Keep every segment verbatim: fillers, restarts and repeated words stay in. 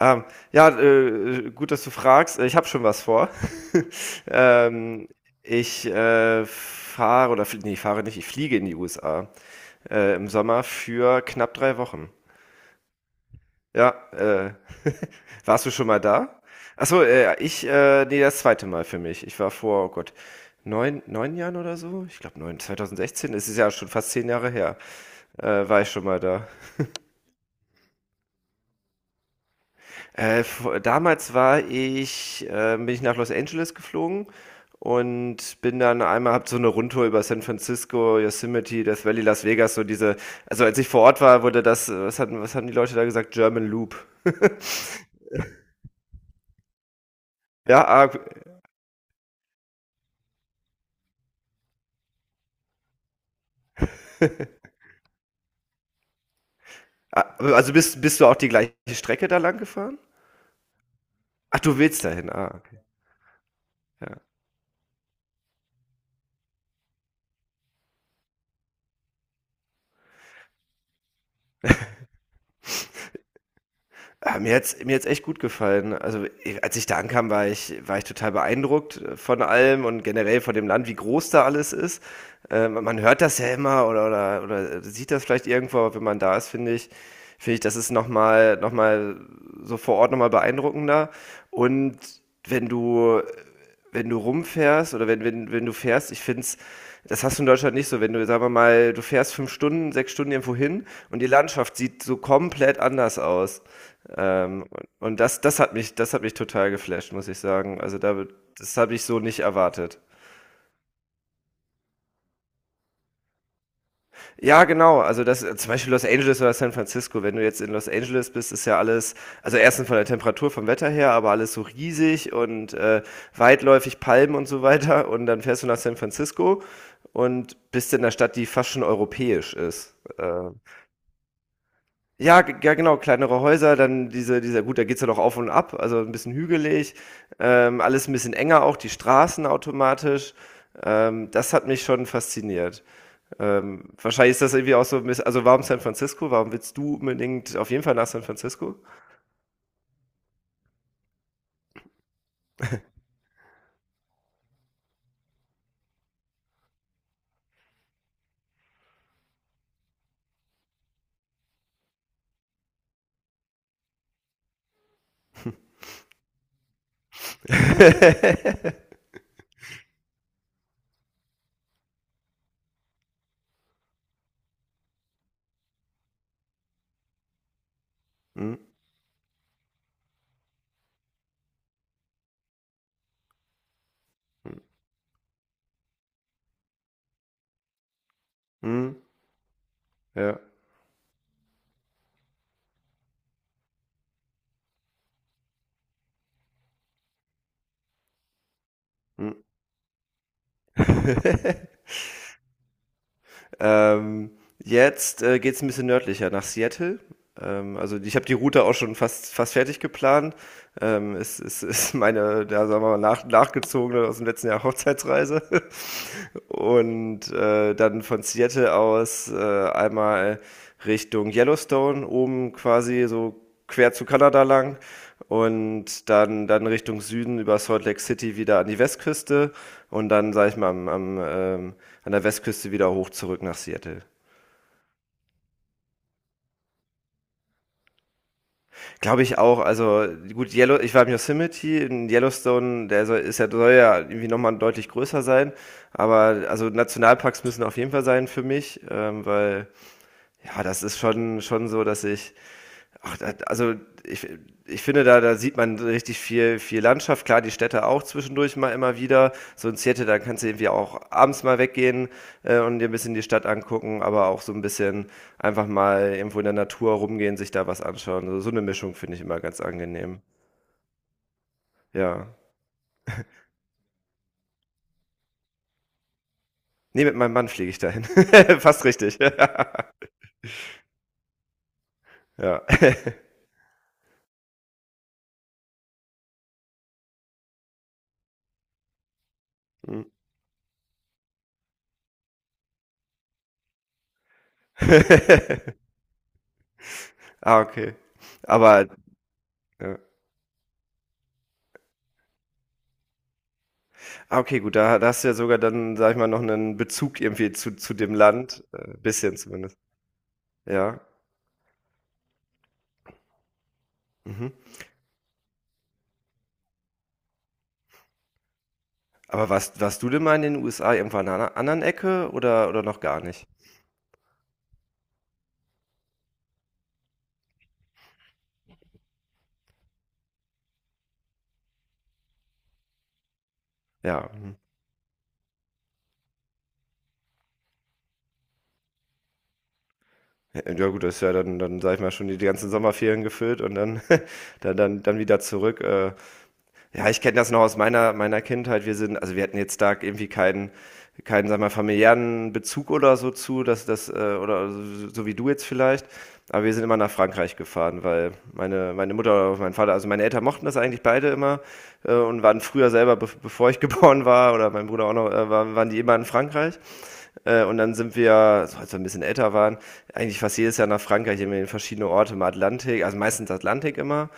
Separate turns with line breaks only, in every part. Ähm, ja, äh, gut, dass du fragst. Ich habe schon was vor. ähm, ich äh, fahre oder fl- nee, fahre nicht, ich fliege in die U S A, äh, im Sommer für knapp drei Wochen. Ja, äh, warst du schon mal da? Achso, äh, ich, äh, nee, das zweite Mal für mich. Ich war vor, oh Gott, neun, neun Jahren oder so? Ich glaube neun, zweitausendsechzehn, es ist ja schon fast zehn Jahre her, äh, war ich schon mal da. Äh, v- damals war ich, äh, bin ich nach Los Angeles geflogen und bin dann einmal, hab so eine Rundtour über San Francisco, Yosemite, Death Valley, Las Vegas. So diese, also als ich vor Ort war, wurde das, äh, was hatten, was haben die Leute da gesagt? German Loop. Ja, ah, ah, also bist, bist du auch die gleiche Strecke da lang gefahren? Ach, du willst dahin, ah, okay. Ja. Ah, Mir hat's mir hat's echt gut gefallen. Also, eh, als ich da ankam, war ich, war ich total beeindruckt, äh, von allem und generell von dem Land, wie groß da alles ist. Ähm, man hört das ja immer oder, oder, oder sieht das vielleicht irgendwo, aber wenn man da ist, finde ich, finde ich, das ist nochmal, nochmal so vor Ort nochmal beeindruckender. Und wenn du wenn du rumfährst oder wenn, wenn, wenn du fährst, ich finde es, das hast du in Deutschland nicht so, wenn du, sagen wir mal, du fährst fünf Stunden, sechs Stunden irgendwo hin und die Landschaft sieht so komplett anders aus. Ähm, und das, das hat mich, das hat mich total geflasht, muss ich sagen. Also da, das habe ich so nicht erwartet. Ja, genau. Also das, äh, zum Beispiel Los Angeles oder San Francisco. Wenn du jetzt in Los Angeles bist, ist ja alles, also erstens von der Temperatur, vom Wetter her, aber alles so riesig und, äh, weitläufig, Palmen und so weiter. Und dann fährst du nach San Francisco und bist in einer Stadt, die fast schon europäisch ist. Äh, ja, g- ja, genau, kleinere Häuser, dann diese, dieser, gut, da geht's ja doch auf und ab, also ein bisschen hügelig, ähm, alles ein bisschen enger auch, die Straßen automatisch. Ähm, das hat mich schon fasziniert. Ähm, wahrscheinlich ist das irgendwie auch so, also warum San Francisco? Warum willst du unbedingt auf jeden Fall nach San Francisco? Hm, hm, hm, ja. Hm. ähm, jetzt äh, geht es ein bisschen nördlicher nach Seattle. Ähm, also ich habe die Route auch schon fast, fast fertig geplant. Ähm, es, es ist meine, da sagen wir mal, nach, nachgezogene aus dem letzten Jahr Hochzeitsreise. Und äh, dann von Seattle aus äh, einmal Richtung Yellowstone, oben quasi so quer zu Kanada lang und dann, dann Richtung Süden über Salt Lake City wieder an die Westküste und dann, sag ich mal, am, am, ähm, an der Westküste wieder hoch zurück nach Seattle. Glaube ich auch, also gut, Yellow, ich war im Yosemite, in Yellowstone, der soll, ist ja, soll ja irgendwie nochmal deutlich größer sein, aber also Nationalparks müssen auf jeden Fall sein für mich, ähm, weil. Ja, das ist schon, schon so, dass ich, ach, da- also ich, ich finde, da, da sieht man richtig viel, viel Landschaft. Klar, die Städte auch zwischendurch mal immer wieder. So in Seattle, da kannst du irgendwie auch abends mal weggehen, äh, und dir ein bisschen die Stadt angucken, aber auch so ein bisschen einfach mal irgendwo in der Natur rumgehen, sich da was anschauen. So, so eine Mischung finde ich immer ganz angenehm. Ja. Nee, mit meinem Mann fliege ich dahin. Fast richtig. Ja. Hm. Ah, okay. Aber ja. Ah, okay, gut, da, da hast du ja sogar dann, sag ich mal, noch einen Bezug irgendwie zu, zu dem Land. Äh, bisschen zumindest. Ja. Mhm. Aber warst, warst du denn mal in den U S A irgendwann an einer anderen Ecke oder, oder noch gar nicht? Ja. Mhm. Ja gut, das ist ja dann, dann sag ich mal, schon die, die ganzen Sommerferien gefüllt und dann, dann, dann, dann wieder zurück. Äh, Ja, ich kenne das noch aus meiner, meiner Kindheit. Wir sind, also wir hatten jetzt da irgendwie keinen, keinen, sag mal, familiären Bezug oder so zu, dass das, äh, oder so, so wie du jetzt vielleicht. Aber wir sind immer nach Frankreich gefahren, weil meine, meine Mutter oder mein Vater, also meine Eltern mochten das eigentlich beide immer, äh, und waren früher selber, be bevor ich geboren war, oder mein Bruder auch noch, äh, waren, waren die immer in Frankreich. Äh, und dann sind wir, so als wir ein bisschen älter waren, eigentlich fast jedes Jahr nach Frankreich, immer in verschiedene Orte im Atlantik, also meistens Atlantik immer,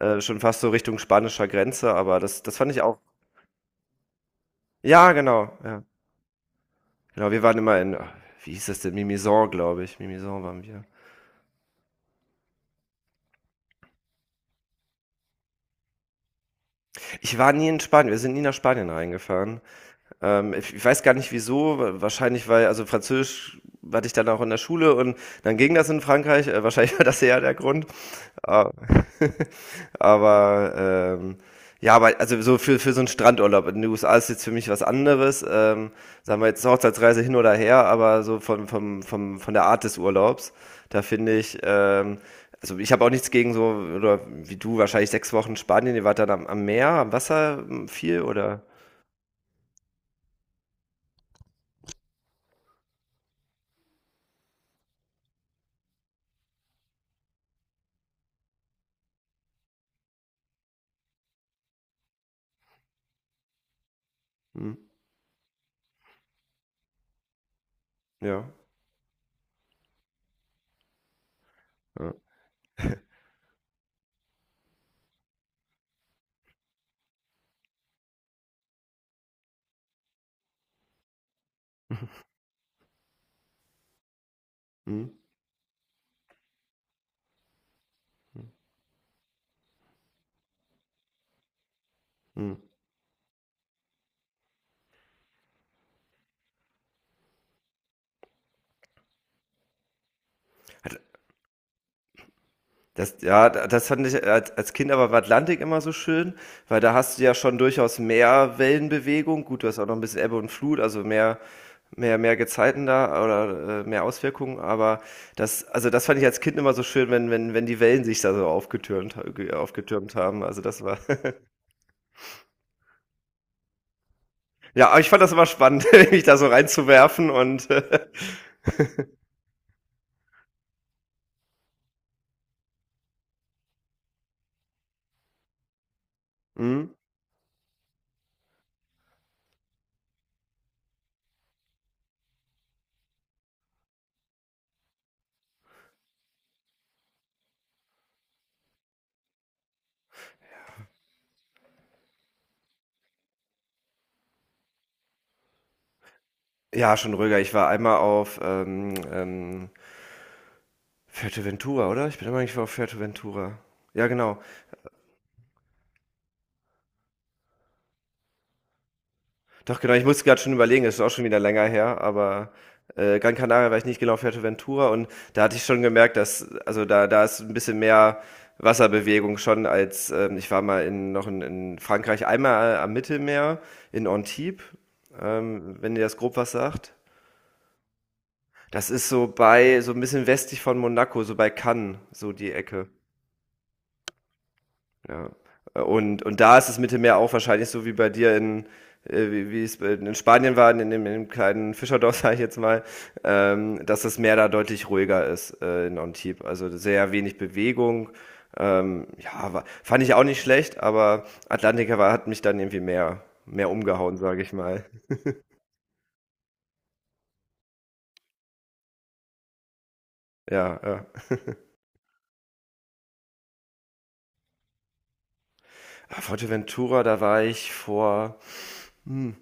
äh, schon fast so Richtung spanischer Grenze, aber das, das fand ich auch. Ja, genau, ja. Genau, wir waren immer in, wie hieß das denn? Mimizan, glaube ich. Mimizan waren wir. Ich war nie in Spanien, wir sind nie nach Spanien reingefahren. Ähm, ich, ich weiß gar nicht wieso, wa- wahrscheinlich weil, also Französisch hatte ich dann auch in der Schule und dann ging das in Frankreich, äh, wahrscheinlich war das eher der Grund. Ah, Aber ähm, ja, aber also so für, für so einen Strandurlaub in den U S A ist jetzt für mich was anderes. Ähm, sagen wir jetzt Hochzeitsreise hin oder her, aber so von, vom, vom, von der Art des Urlaubs, da finde ich, ähm, also ich habe auch nichts gegen so, oder wie du, wahrscheinlich sechs Wochen Spanien, ihr wart dann am, am Meer, am Wasser m, viel oder? Hm, ja. Ja. Mhm. Mhm. Hat- Das, ja, da- das fand ich als als Kind aber im Atlantik immer so schön, weil da hast du ja schon durchaus mehr Wellenbewegung. Gut, du hast auch noch ein bisschen Ebbe und Flut, also mehr, mehr, mehr Gezeiten da oder äh, mehr Auswirkungen. Aber das, also das fand ich als Kind immer so schön, wenn, wenn, wenn die Wellen sich da so aufgetürmt, ge- aufgetürmt haben. Also das war, ja, aber ich fand das immer spannend, mich da so reinzuwerfen und, äh, mhm. Ja, schon ruhiger. Ich war einmal auf, ähm, ähm, Fuerteventura, oder? Ich bin immer eigentlich auf Fuerteventura. Ja, genau. Doch, genau. Ich musste gerade schon überlegen, es ist auch schon wieder länger her, aber äh, Gran Canaria war ich nicht, genau, auf Fuerteventura, und da hatte ich schon gemerkt, dass, also da, da ist ein bisschen mehr Wasserbewegung schon, als, ähm, ich war mal in, noch in, in Frankreich einmal, äh, am Mittelmeer, in Antibes, ähm, wenn ihr das grob was sagt. Das ist so bei, so ein bisschen westlich von Monaco, so bei Cannes, so die Ecke. Ja. Und, und da ist das Mittelmeer auch wahrscheinlich so wie bei dir in, äh, wie, wie es in Spanien war, in dem, in dem kleinen Fischerdorf, sage ich jetzt mal, ähm, dass das Meer da deutlich ruhiger ist, äh, in Antibes. Also sehr wenig Bewegung. Ähm, ja, war, fand ich auch nicht schlecht, aber Atlantica war, hat mich dann irgendwie mehr, mehr umgehauen, sage ich mal. Ja, ja. Ah, Fuerteventura, da war ich vor Hm,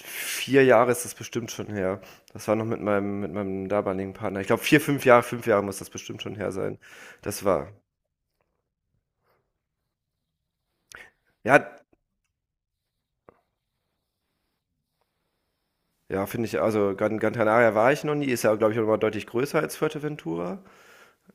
vier Jahre ist das bestimmt schon her. Das war noch mit meinem mit meinem damaligen Partner. Ich glaube vier, fünf Jahre, fünf Jahre muss das bestimmt schon her sein. Das war Ja, ja, finde ich, also Gran Gran Canaria war ich noch nie, ist ja, glaube ich, auch noch mal deutlich größer als Fuerteventura.